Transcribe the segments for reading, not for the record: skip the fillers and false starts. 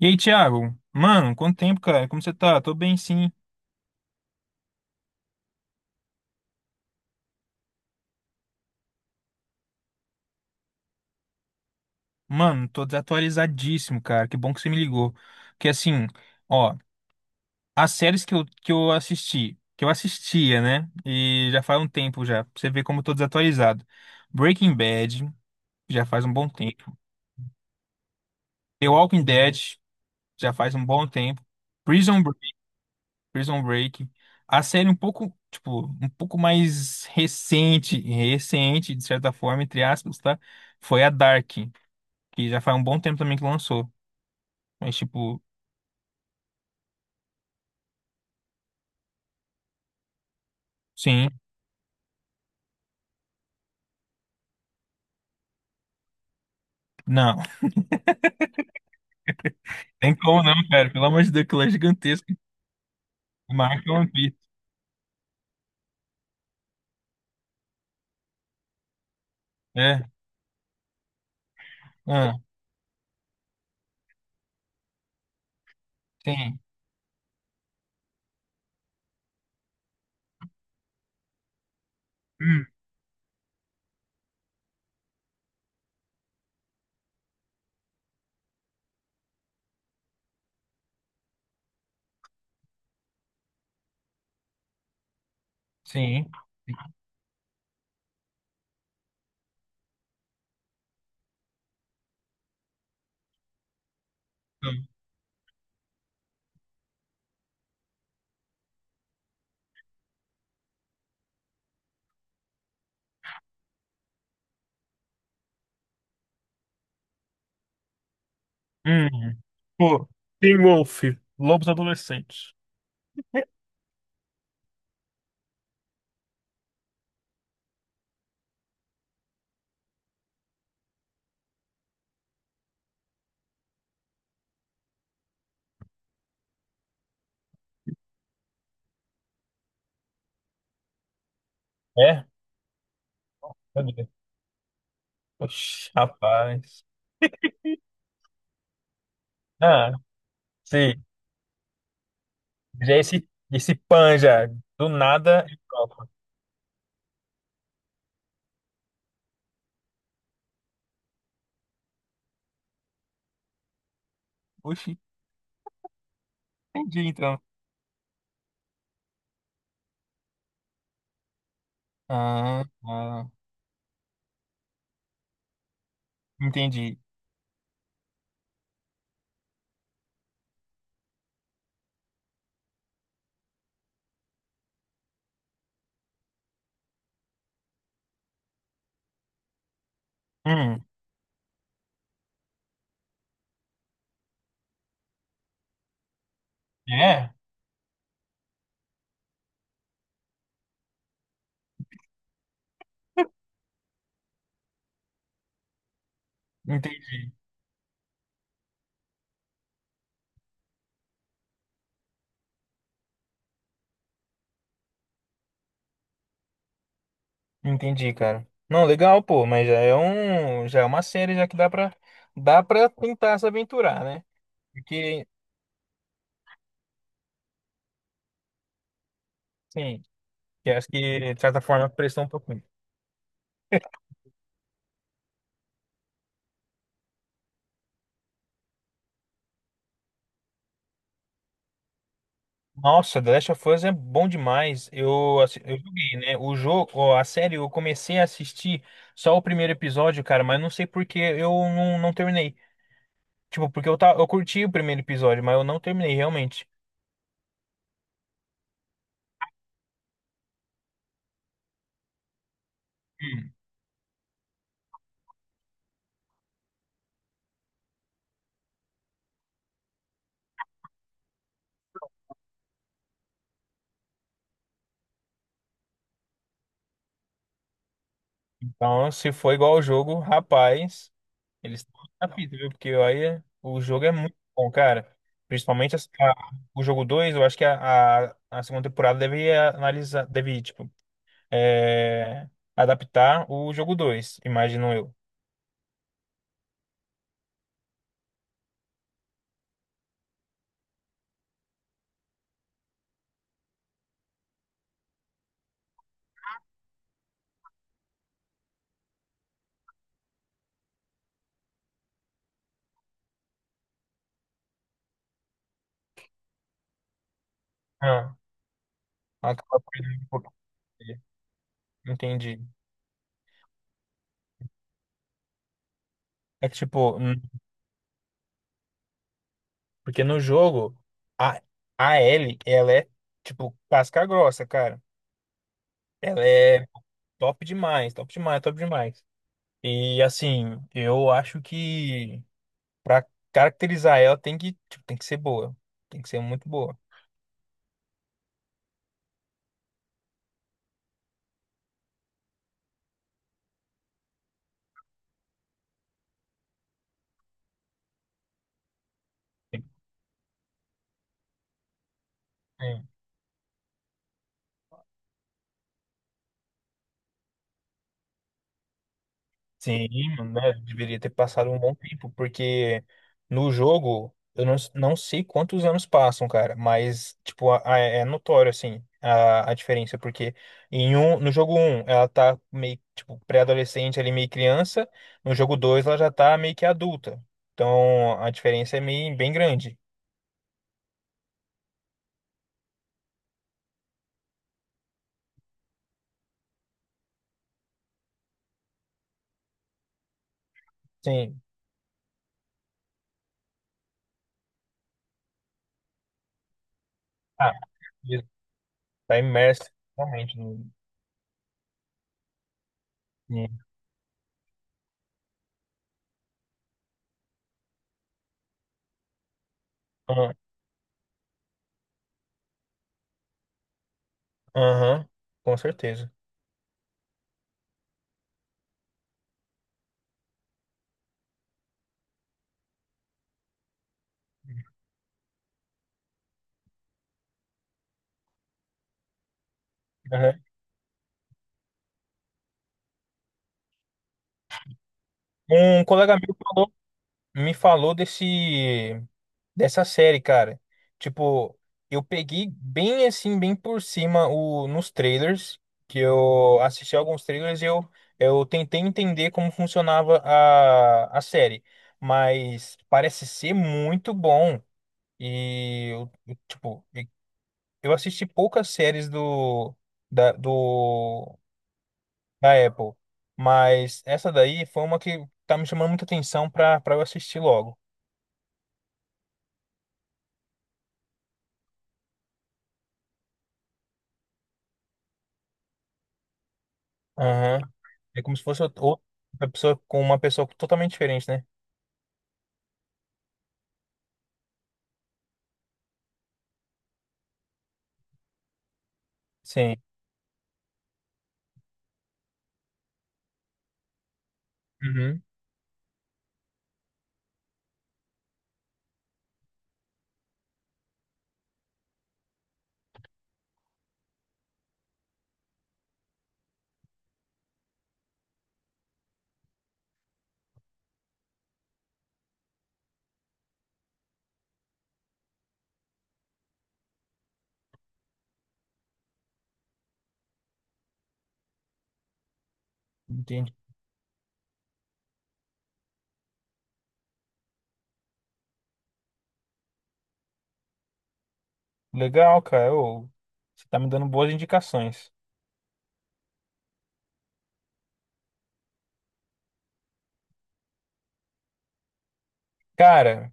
E aí, Thiago? Mano, quanto tempo, cara? Como você tá? Tô bem, sim. Mano, tô desatualizadíssimo, cara. Que bom que você me ligou. Porque assim, ó, as séries que eu assisti, que eu assistia, né? E já faz um tempo já, pra você ver como eu tô desatualizado. Breaking Bad, já faz um bom tempo. The Walking Dead, já faz um bom tempo. Prison Break, Prison Break. A série um pouco, tipo, um pouco mais recente, de certa forma, entre aspas, tá? Foi a Dark, que já faz um bom tempo também que lançou. Mas, tipo, sim, não. Tem como não, cara. Pelo amor de Deus, aquilo é gigantesco. Marca One Piece. É. Ah, sim. Hum, sim. Hum. Pô, Teen Wolf, Lobos Adolescentes. É? Meu Deus. Oxi, rapaz. Ah, sim. Já é esse, esse pan já. Do nada. É próprio. Oxi, entendi então. Ah, ah, entendi. Hum, é? Entendi. Entendi, cara. Não, legal, pô, mas já é uma série já que dá pra tentar se aventurar, né? Porque, sim, que acho que de certa forma prestou um pouquinho. Nossa, The Last of Us é bom demais. Eu, eu joguei, né? O jogo, ó, a série, eu comecei a assistir só o primeiro episódio, cara, mas não sei por que eu não, não terminei. Tipo, porque eu, tá, eu curti o primeiro episódio, mas eu não terminei realmente. Hum. Então, se for igual ao jogo, rapaz. Eles estão no capítulo, viu? Porque o jogo é muito bom, cara. Principalmente o jogo 2 eu acho que a segunda temporada deve analisar, deve, tipo, é, adaptar o jogo 2, imagino eu. Ah, acaba perdendo um pouco dele. Entendi. É que, tipo, porque no jogo, a, a Ellie, ela é, tipo, casca grossa, cara. Ela é top demais, top demais, top demais. E, assim, eu acho que, pra caracterizar ela, tem que, tipo, tem que ser boa. Tem que ser muito boa. Sim. Sim, mano, né? Deveria ter passado um bom tempo, porque no jogo, eu não, não sei quantos anos passam, cara, mas, tipo, é notório, assim, a diferença, porque em um, no jogo um, ela tá meio, tipo, pré-adolescente ali, meio criança, no jogo 2 ela já tá meio que adulta. Então, a diferença é meio, bem grande. Sim. Ah, tá imerso realmente no... Aham, com certeza. Aham. Um colega meu me falou desse, dessa série, cara. Tipo, eu peguei bem assim, bem por cima o, nos trailers, que eu assisti alguns trailers e eu tentei entender como funcionava a série. Mas parece ser muito bom. E, tipo, eu assisti poucas séries do, da, do da Apple. Mas essa daí foi uma que tá me chamando muita atenção pra, pra eu assistir logo. Aham. É como se fosse outra pessoa com uma pessoa totalmente diferente, né? Sim. Uhum. Entendi. Legal, cara. Ô, você tá me dando boas indicações. Cara,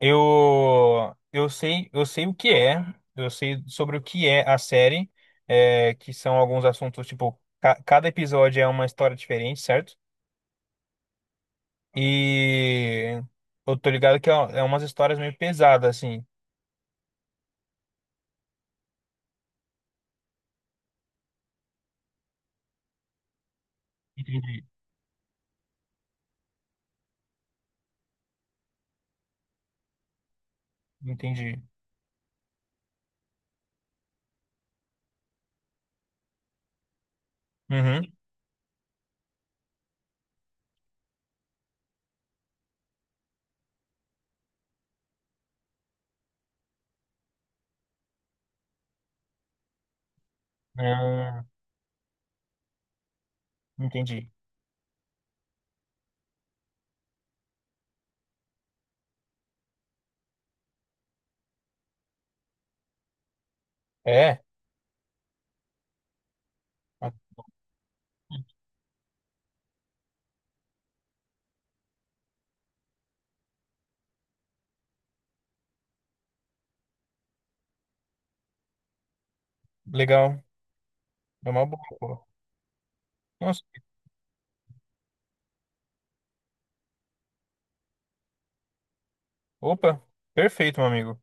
eu sei, eu sei o que é, eu sei sobre o que é a série, é, que são alguns assuntos, tipo, cada episódio é uma história diferente, certo? E eu tô ligado que é umas histórias meio pesadas, assim. Entendi. Entendi. Uhum. Ah, entendi. É, ah, legal. É uma boa, pô. Nossa. Opa, perfeito, meu amigo.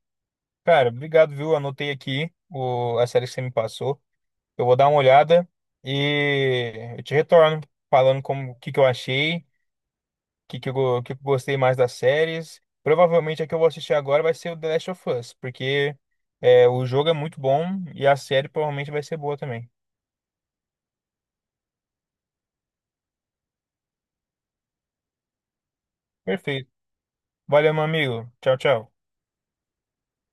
Cara, obrigado, viu? Anotei aqui o, a série que você me passou. Eu vou dar uma olhada e eu te retorno falando como o que que eu achei, que eu gostei mais das séries. Provavelmente a que eu vou assistir agora vai ser o The Last of Us, porque é, o jogo é muito bom e a série provavelmente vai ser boa também. Perfeito. Valeu, meu amigo. Tchau, tchau.